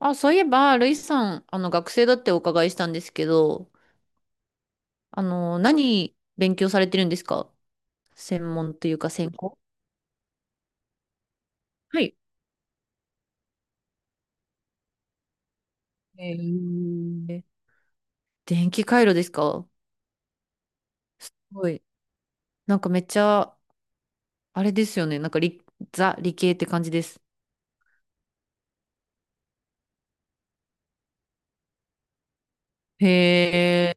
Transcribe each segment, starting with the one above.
あ、そういえば、ルイさん、学生だってお伺いしたんですけど、何勉強されてるんですか？専門というか専攻？はい。えー、電気回路ですか？すごい。なんかめっちゃ、あれですよね。なんかザ、理系って感じです。へえ、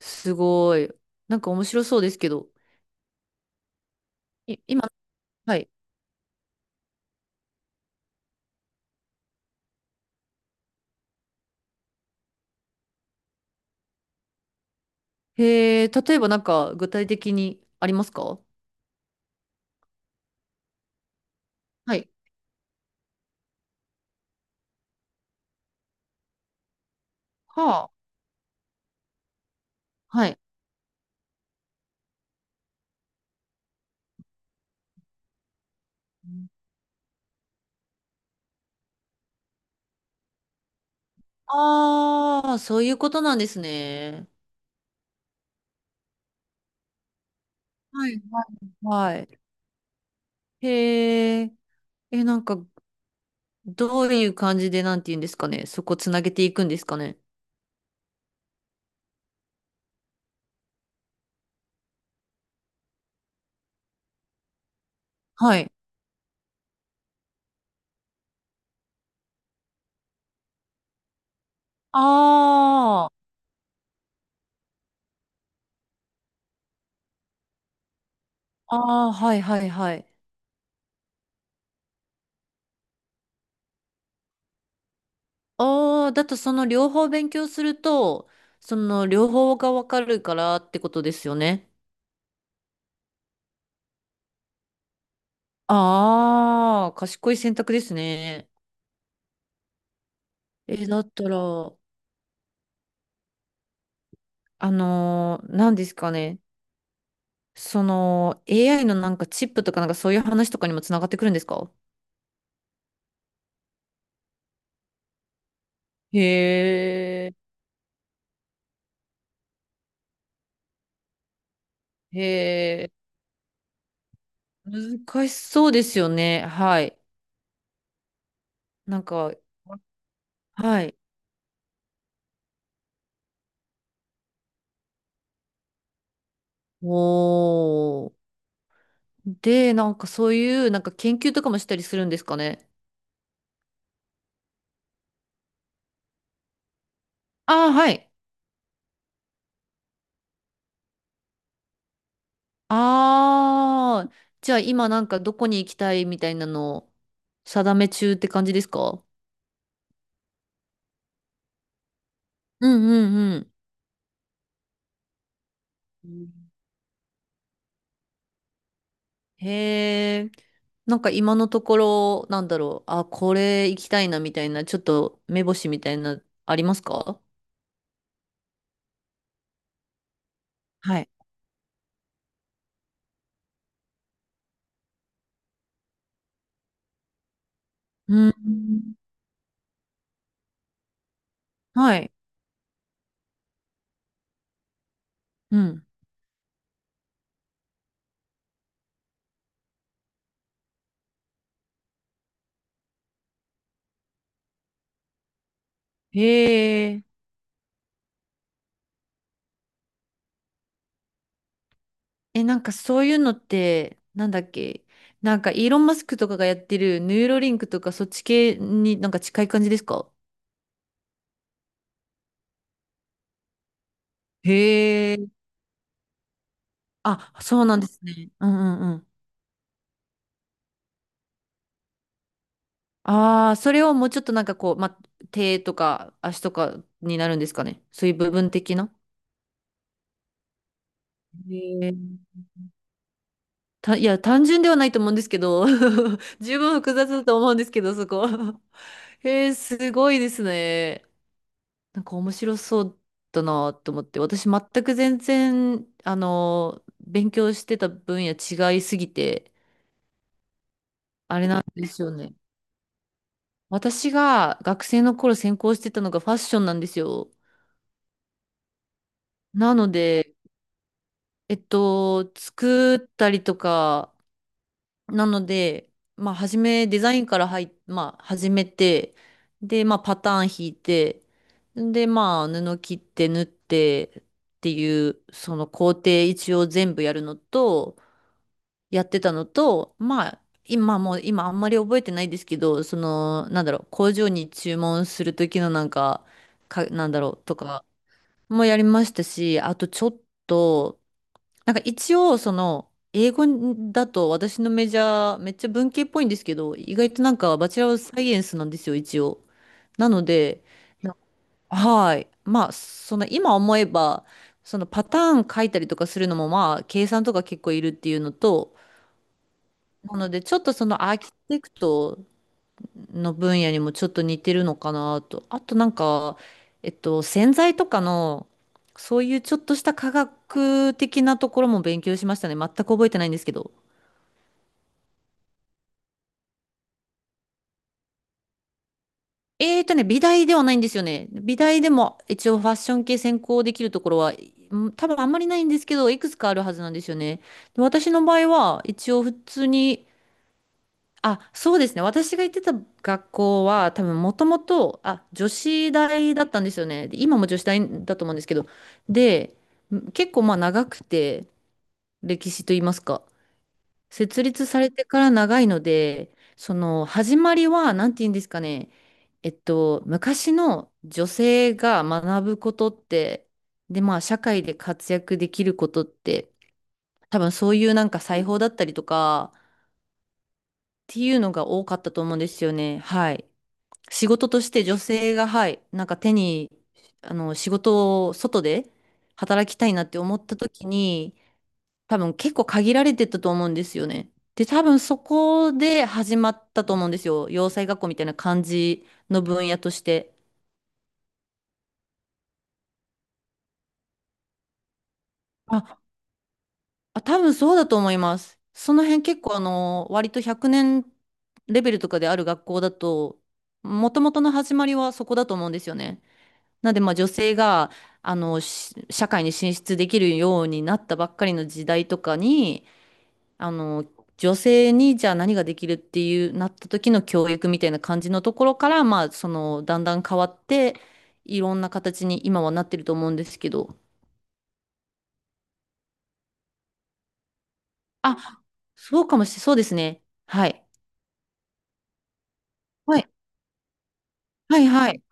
すごい。なんか面白そうですけど。今、はい。へえ、例えばなんか具体的にありますか？はい。はあ。はい。ああ、そういうことなんですね。はい、はいはい。へえ、え、なんか、どういう感じで、なんて言うんですかね。そこつなげていくんですかね？はい。ああ、ああ、はいはいはい。ああ、だとその両方勉強すると、その両方がわかるからってことですよね。ああ、賢い選択ですね。え、だったら、何ですかね。その AI のなんかチップとかなんかそういう話とかにもつながってくるんですか？へえ、へえ、難しそうですよね。はい。なんか、はい。おー。で、なんかそういうなんか研究とかもしたりするんですかね？ああ、はい。ああ、じゃあ今なんかどこに行きたいみたいなのを定め中って感じですか？うんうんうん。へえ、なんか今のところ、なんだろう、あ、これ行きたいなみたいな、ちょっと目星みたいな、ありますか？はい。うん。はい。うん。へえ。え、なんかそういうのって、なんだっけ、なんかイーロン・マスクとかがやってるヌーロリンクとかそっち系になんか近い感じですか？へえ。あ、そうなんですね。うんうんうん。ああ、それをもうちょっとなんかこう、ま、手とか足とかになるんですかね？そういう部分的な。えーた、いや、単純ではないと思うんですけど、十分複雑だと思うんですけど、そこ。へえ、すごいですね。なんか面白そうだなと思って、私全く全然、勉強してた分野違いすぎて、あれなんですよね。私が学生の頃専攻してたのがファッションなんですよ。なので、作ったりとか、なので、まあ、初め、デザインから入っ、まあ、始めて、で、まあ、パターン引いて、で、まあ、布切って縫ってっていう、その工程一応全部やるのと、やってたのと、まあ、今もう、今あんまり覚えてないですけど、その、なんだろう、工場に注文する時のなんか、か、なんだろう、とかもやりましたし、あとちょっと、なんか一応、その、英語だと私のメジャー、めっちゃ文系っぽいんですけど、意外となんかバチェラーサイエンスなんですよ、一応。なので、なはい。まあ、その今思えば、そのパターン書いたりとかするのもまあ、計算とか結構いるっていうのと、なので、ちょっとそのアーキテクトの分野にもちょっと似てるのかなと。あとなんか、洗剤とかの、そういうちょっとした科学的なところも勉強しましたね。全く覚えてないんですけど。美大ではないんですよね。美大でも一応ファッション系専攻できるところは、うん、多分あんまりないんですけど、いくつかあるはずなんですよね。で私の場合は、一応普通に。あ、そうですね。私が行ってた学校は、多分もともと、あ、女子大だったんですよね。で今も女子大だと思うんですけど。で、結構まあ長くて、歴史と言いますか。設立されてから長いので、その始まりは、なんて言うんですかね。昔の女性が学ぶことって、で、まあ社会で活躍できることって、多分そういうなんか裁縫だったりとか、っていうのが多かったと思うんですよね。はい。仕事として女性が、はい、なんか手に、仕事を外で働きたいなって思った時に、多分結構限られてたと思うんですよね。で、多分そこで始まったと思うんですよ。洋裁学校みたいな感じの分野として。あ、あ、多分そうだと思います。その辺結構割と100年レベルとかである学校だと、もともとの始まりはそこだと思うんですよね。なので、まあ、女性が、社会に進出できるようになったばっかりの時代とかに、あの、女性にじゃあ何ができるっていうなった時の教育みたいな感じのところから、まあ、その、だんだん変わって、いろんな形に今はなってると思うんですけど。あ、そうかもしれ、そうですね。はい。はい、はい、はい。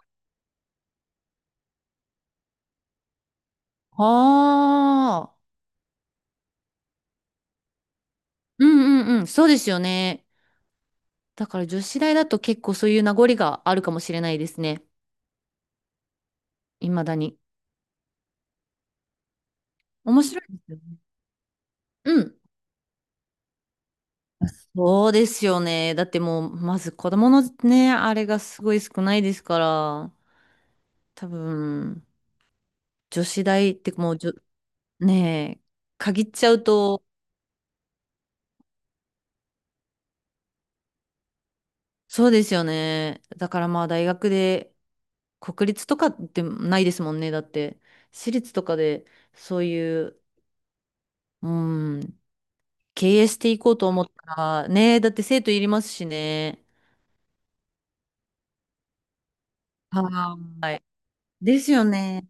ああ、うんうんうん、そうですよね。だから女子大だと結構そういう名残があるかもしれないですね。いまだに。面白いですよね。うん。そうですよね。だってもう、まず子供のね、あれがすごい少ないですから、多分、女子大ってもうねえ、限っちゃうと、そうですよね。だからまあ大学で、国立とかってないですもんね。だって、私立とかで、そういう、うん、経営していこうと思ったら、ねえ、だって生徒いりますしね。はーい。ですよね。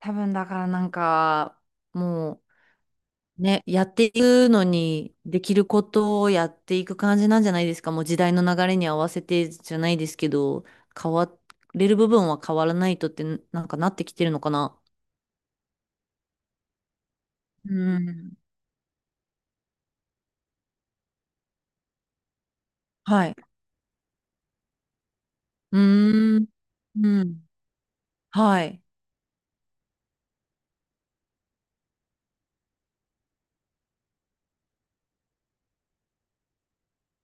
多分だからなんか、もうね、やっていくのに、できることをやっていく感じなんじゃないですか？もう時代の流れに合わせてじゃないですけど、変われる部分は変わらないとって、なんかなってきてるのかな。うん。はい。うーん。うん。はい。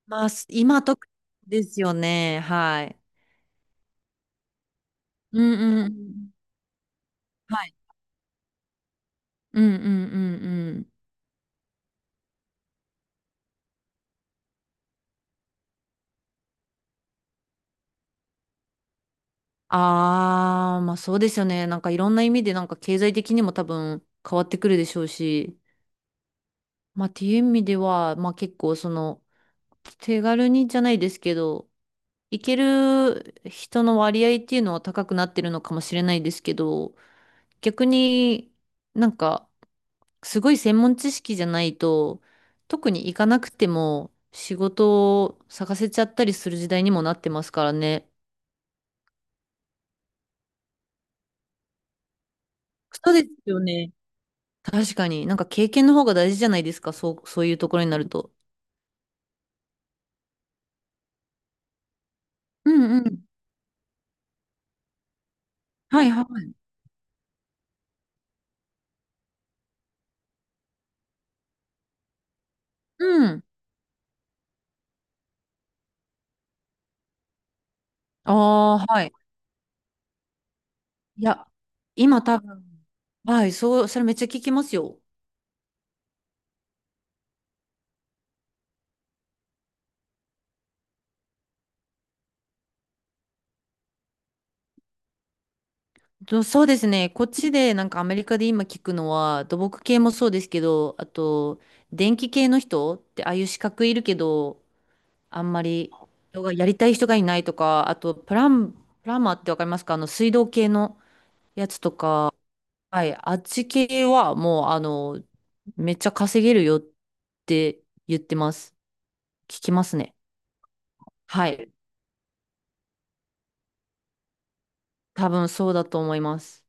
まあ、今と、ですよね。はい。うんうんうん。はい。うんうんうんうん。ああ、まあそうですよね。なんかいろんな意味でなんか経済的にも多分変わってくるでしょうし、まあっていう意味では、まあ結構その手軽にじゃないですけど、行ける人の割合っていうのは高くなってるのかもしれないですけど、逆に、なんかすごい専門知識じゃないと、特に行かなくても仕事を探せちゃったりする時代にもなってますからね。そうですよね。確かに。なんか経験の方が大事じゃないですか？そう、そういうところになると。うんうん。はいはい。うん。ああ、はい。いや、今多分、はい、そう、それめっちゃ聞きますよ。そうですね。こっちで、なんかアメリカで今聞くのは、土木系もそうですけど、あと、電気系の人って、ああいう資格いるけど、あんまり、人がやりたい人がいないとか、あと、プランマーってわかりますか？水道系のやつと。はい、あっち系はもう、めっちゃ稼げるよって言ってます。聞きますね。はい、多分そうだと思います。